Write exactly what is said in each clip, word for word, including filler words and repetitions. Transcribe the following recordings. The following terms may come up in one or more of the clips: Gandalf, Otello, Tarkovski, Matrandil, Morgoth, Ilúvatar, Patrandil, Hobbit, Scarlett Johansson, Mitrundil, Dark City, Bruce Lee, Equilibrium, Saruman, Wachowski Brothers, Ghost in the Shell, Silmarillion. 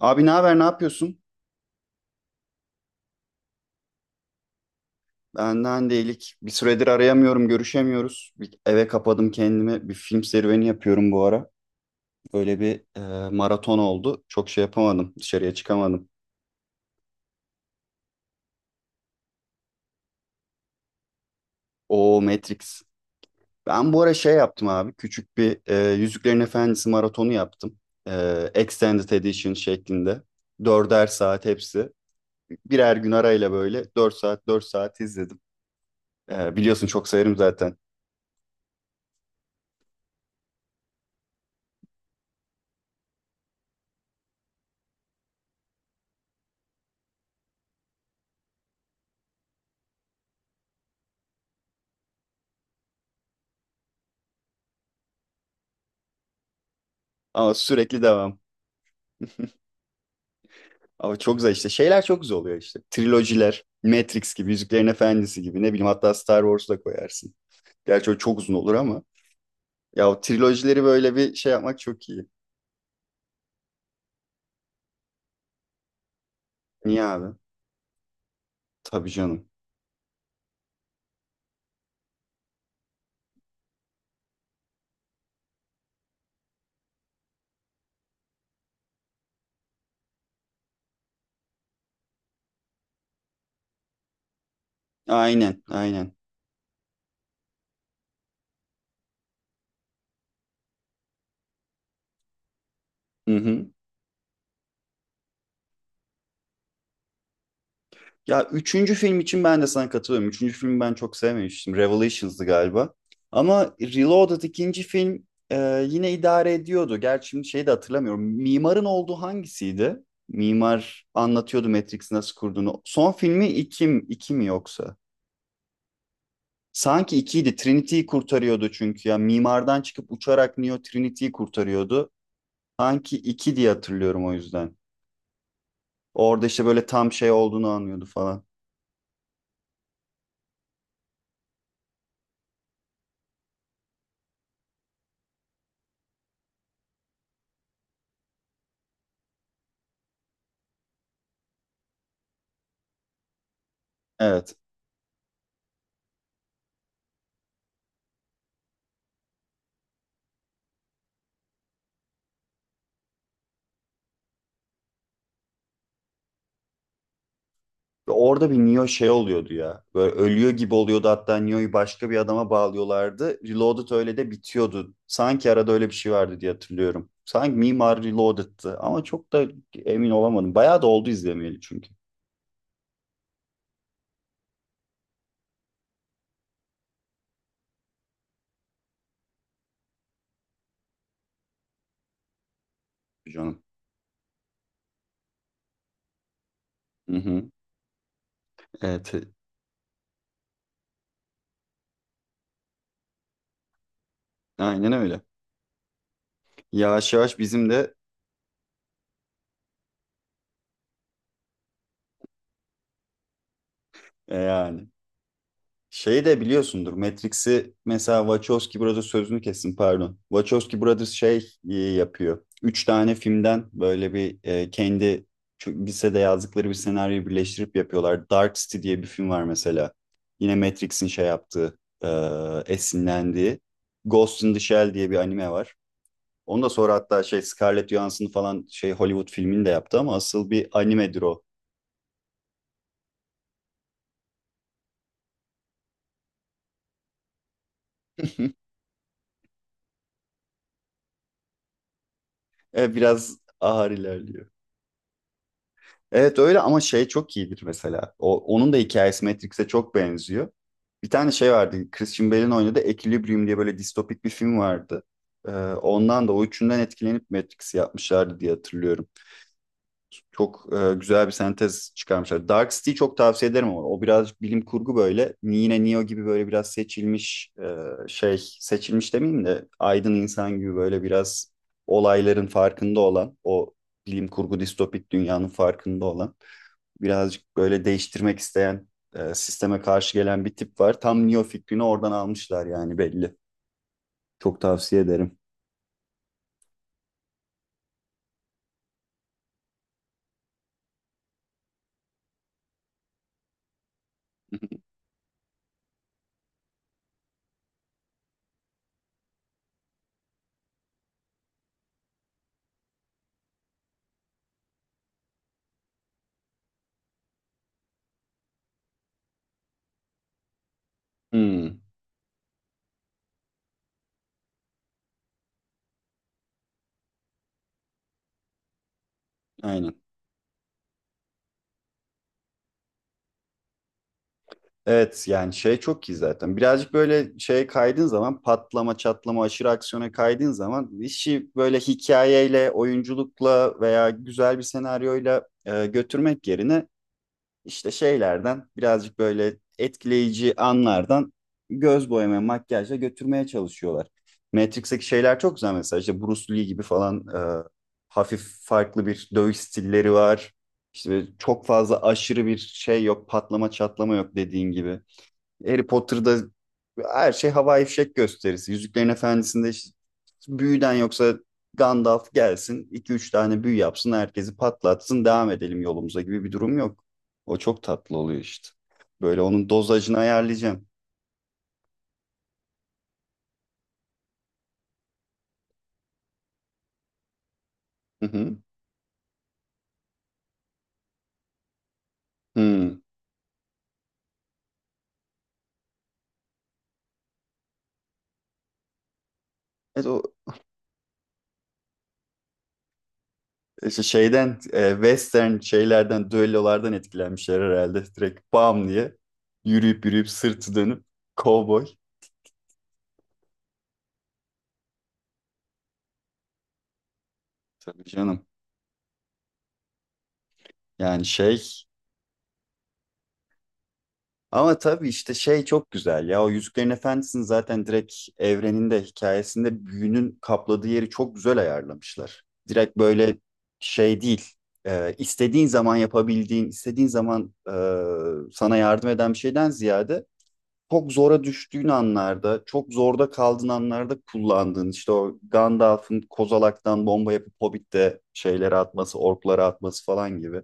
Abi ne haber, ne yapıyorsun? Benden değilik. Bir süredir arayamıyorum, görüşemiyoruz. Bir eve kapadım kendimi. Bir film serüveni yapıyorum bu ara. Böyle bir e, maraton oldu. Çok şey yapamadım, dışarıya çıkamadım. O Matrix. Ben bu ara şey yaptım abi. Küçük bir e, Yüzüklerin Efendisi maratonu yaptım. E, Extended Edition şeklinde. Dörder saat hepsi. Birer gün arayla böyle dört saat dört saat izledim. Ee, biliyorsun çok severim zaten. Ama sürekli devam. Ama çok güzel işte. Şeyler çok güzel oluyor işte. Trilojiler, Matrix gibi, Yüzüklerin Efendisi gibi. Ne bileyim hatta Star Wars da koyarsın. Gerçi o çok uzun olur ama. Ya o trilojileri böyle bir şey yapmak çok iyi. Niye abi? Tabii canım. Aynen, aynen. Hı hı. Ya üçüncü film için ben de sana katılıyorum. Üçüncü filmi ben çok sevmemiştim. Revelations'dı galiba. Ama Reloaded ikinci film e, yine idare ediyordu. Gerçi şimdi şeyi de hatırlamıyorum. Mimarın olduğu hangisiydi? Mimar anlatıyordu Matrix'i nasıl kurduğunu. Son filmi iki, mi- iki mi yoksa? Sanki ikiydi. Trinity'yi kurtarıyordu çünkü. Ya mimardan çıkıp uçarak Neo Trinity'yi kurtarıyordu. Sanki iki diye hatırlıyorum o yüzden. Orada işte böyle tam şey olduğunu anlıyordu falan. Evet. Orada bir Neo şey oluyordu ya. Böyle ölüyor gibi oluyordu hatta Neo'yu başka bir adama bağlıyorlardı. Reloaded öyle de bitiyordu. Sanki arada öyle bir şey vardı diye hatırlıyorum. Sanki Mimar Reloaded'tı ama çok da emin olamadım. Bayağı da oldu izlemeyeli çünkü canım. Hı hı. Evet, e, aynen öyle. Yavaş yavaş bizim de e, yani, şeyi de biliyorsundur. Matrix'i mesela Wachowski Brothers sözünü kessin, pardon. Wachowski Brothers şey e, yapıyor. Üç tane filmden böyle bir e, kendi ço- lisede yazdıkları bir senaryoyu birleştirip yapıyorlar. Dark City diye bir film var mesela. Yine Matrix'in şey yaptığı, e, esinlendiği. Ghost in the Shell diye bir anime var. Onu da sonra hatta şey Scarlett Johansson falan şey Hollywood filmini de yaptı ama asıl bir animedir o. E, Biraz ağır ilerliyor. Evet öyle ama şey çok iyidir mesela. O, onun da hikayesi Matrix'e çok benziyor. Bir tane şey vardı. Christian Bale'in oynadığı Equilibrium diye böyle distopik bir film vardı. Ee, ondan da o üçünden etkilenip Matrix'i yapmışlardı diye hatırlıyorum. Çok e, güzel bir sentez çıkarmışlar. Dark City çok tavsiye ederim ama o birazcık bilim kurgu böyle. Yine Neo gibi böyle biraz seçilmiş e, şey, seçilmiş demeyeyim de aydın insan gibi böyle biraz olayların farkında olan, o bilim kurgu distopik dünyanın farkında olan, birazcık böyle değiştirmek isteyen, e, sisteme karşı gelen bir tip var. Tam Neo fikrini oradan almışlar yani, belli. Çok tavsiye ederim. Hmm, aynen. Evet yani şey çok iyi zaten. Birazcık böyle şeye kaydığın zaman, patlama çatlama aşırı aksiyona kaydığın zaman işi böyle hikayeyle, oyunculukla veya güzel bir senaryoyla e, götürmek yerine İşte şeylerden, birazcık böyle etkileyici anlardan, göz boyama, makyajla götürmeye çalışıyorlar. Matrix'teki şeyler çok güzel mesela, işte Bruce Lee gibi falan, e, hafif farklı bir dövüş stilleri var. İşte böyle çok fazla aşırı bir şey yok, patlama çatlama yok, dediğin gibi. Harry Potter'da her şey havai fişek gösterisi. Yüzüklerin Efendisi'nde işte büyüden yoksa Gandalf gelsin, iki üç tane büyü yapsın, herkesi patlatsın, devam edelim yolumuza gibi bir durum yok. O çok tatlı oluyor işte. Böyle onun dozajını ayarlayacağım. Hı hı. Hı. Evet, o işte şeyden e, western şeylerden, düellolardan etkilenmişler herhalde. Direkt bam diye yürüyüp yürüyüp, sırtı dönüp kovboy. Tabii canım. Yani şey. Ama tabii işte şey çok güzel ya. O Yüzüklerin Efendisi'nin zaten direkt evreninde, hikayesinde büyünün kapladığı yeri çok güzel ayarlamışlar. Direkt böyle şey değil. e, istediğin zaman yapabildiğin, istediğin zaman e, sana yardım eden bir şeyden ziyade, çok zora düştüğün anlarda, çok zorda kaldığın anlarda kullandığın, işte o Gandalf'ın kozalaktan bomba yapıp Hobbit'te şeyleri atması, orklara atması falan gibi.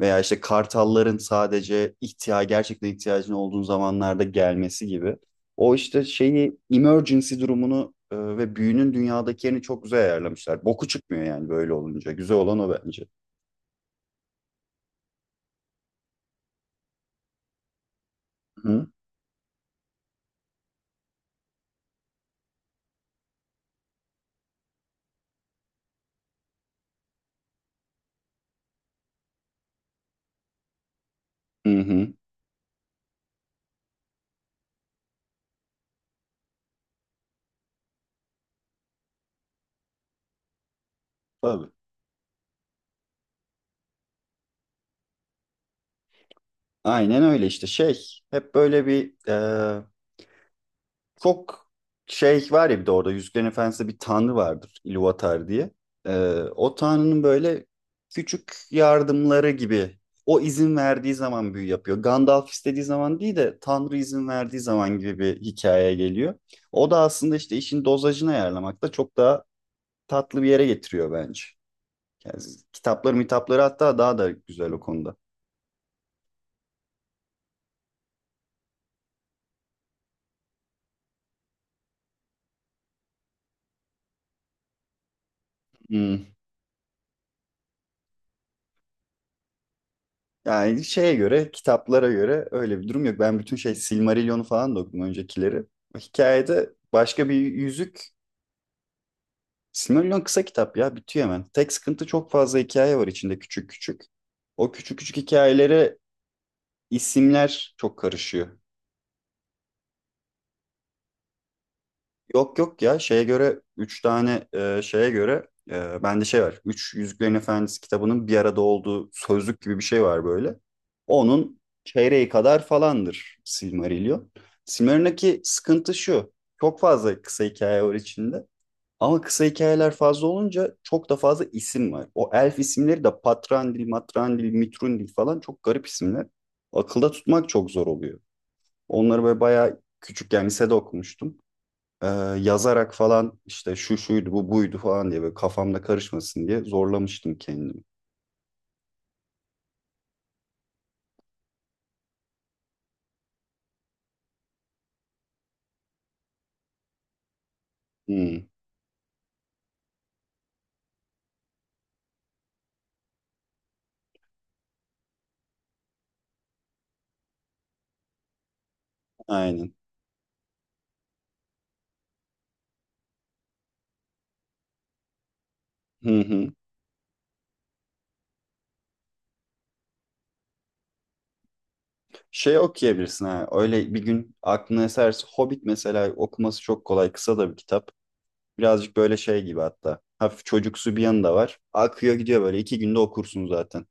Veya işte kartalların sadece ihtiya gerçekten ihtiyacın olduğun zamanlarda gelmesi gibi. O işte şeyi, emergency durumunu e, ve büyünün dünyadaki yerini çok güzel ayarlamışlar. Boku çıkmıyor yani böyle olunca. Güzel olan o bence. Hı hı. Hı. Tabii. Aynen öyle işte şey, hep böyle bir. e, Çok şey var ya, bir de orada Yüzüklerin Efendisi'nde bir tanrı vardır, Ilúvatar diye. Ee, O tanrının böyle küçük yardımları gibi, o izin verdiği zaman büyü yapıyor. Gandalf istediği zaman değil de tanrı izin verdiği zaman gibi bir hikaye geliyor. O da aslında işte işin dozajını ayarlamakta çok daha tatlı bir yere getiriyor bence. Yani kitapları mitapları hatta daha da güzel o konuda. Hmm. Yani şeye göre, kitaplara göre öyle bir durum yok. Ben bütün şey Silmarillion'u falan da okudum, öncekileri. Hikayede başka bir yüzük. Silmarillion kısa kitap ya, bitiyor hemen. Tek sıkıntı, çok fazla hikaye var içinde, küçük küçük. O küçük küçük hikayelere isimler çok karışıyor. Yok yok ya, şeye göre üç tane e, şeye göre e, bende şey var. Üç Yüzüklerin Efendisi kitabının bir arada olduğu sözlük gibi bir şey var böyle. Onun çeyreği kadar falandır Silmarillion. Silmarillion'daki sıkıntı şu. Çok fazla kısa hikaye var içinde. Ama kısa hikayeler fazla olunca çok da fazla isim var. O elf isimleri de Patrandil, Matrandil, Mitrundil falan, çok garip isimler. Akılda tutmak çok zor oluyor. Onları böyle bayağı küçükken lisede okumuştum, e, yazarak falan işte şu şuydu bu buydu falan diye, böyle kafamda karışmasın diye zorlamıştım kendimi. Hmm, aynen. Hı hı. Şey okuyabilirsin ha. Öyle bir gün aklına eserse Hobbit mesela, okuması çok kolay. Kısa da bir kitap. Birazcık böyle şey gibi hatta. Hafif çocuksu bir yanı da var. Akıyor gidiyor böyle. iki günde okursun zaten.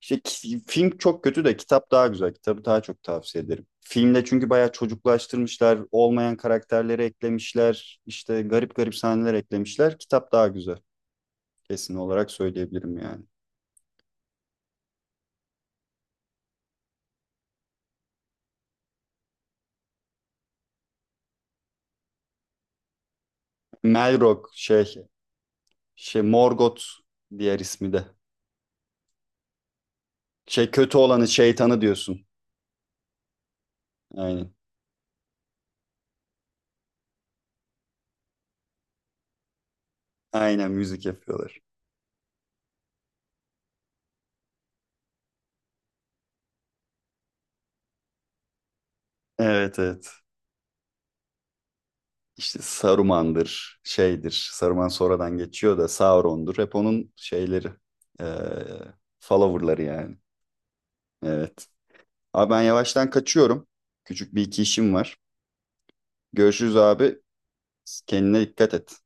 İşte ki- film çok kötü de kitap daha güzel. Kitabı daha çok tavsiye ederim. Filmde çünkü bayağı çocuklaştırmışlar. Olmayan karakterleri eklemişler. İşte garip garip sahneler eklemişler. Kitap daha güzel. Kesin olarak söyleyebilirim yani. Melrock şey, şey Morgoth, diğer ismi de. Şey, kötü olanı, şeytanı diyorsun. Aynen. Aynen, müzik yapıyorlar. Evet evet. İşte Saruman'dır, şeydir. Saruman sonradan geçiyor da, Sauron'dur. Hep onun şeyleri. Ee, Follower'ları yani. Evet. Abi ben yavaştan kaçıyorum. Küçük bir iki işim var. Görüşürüz abi. Kendine dikkat et.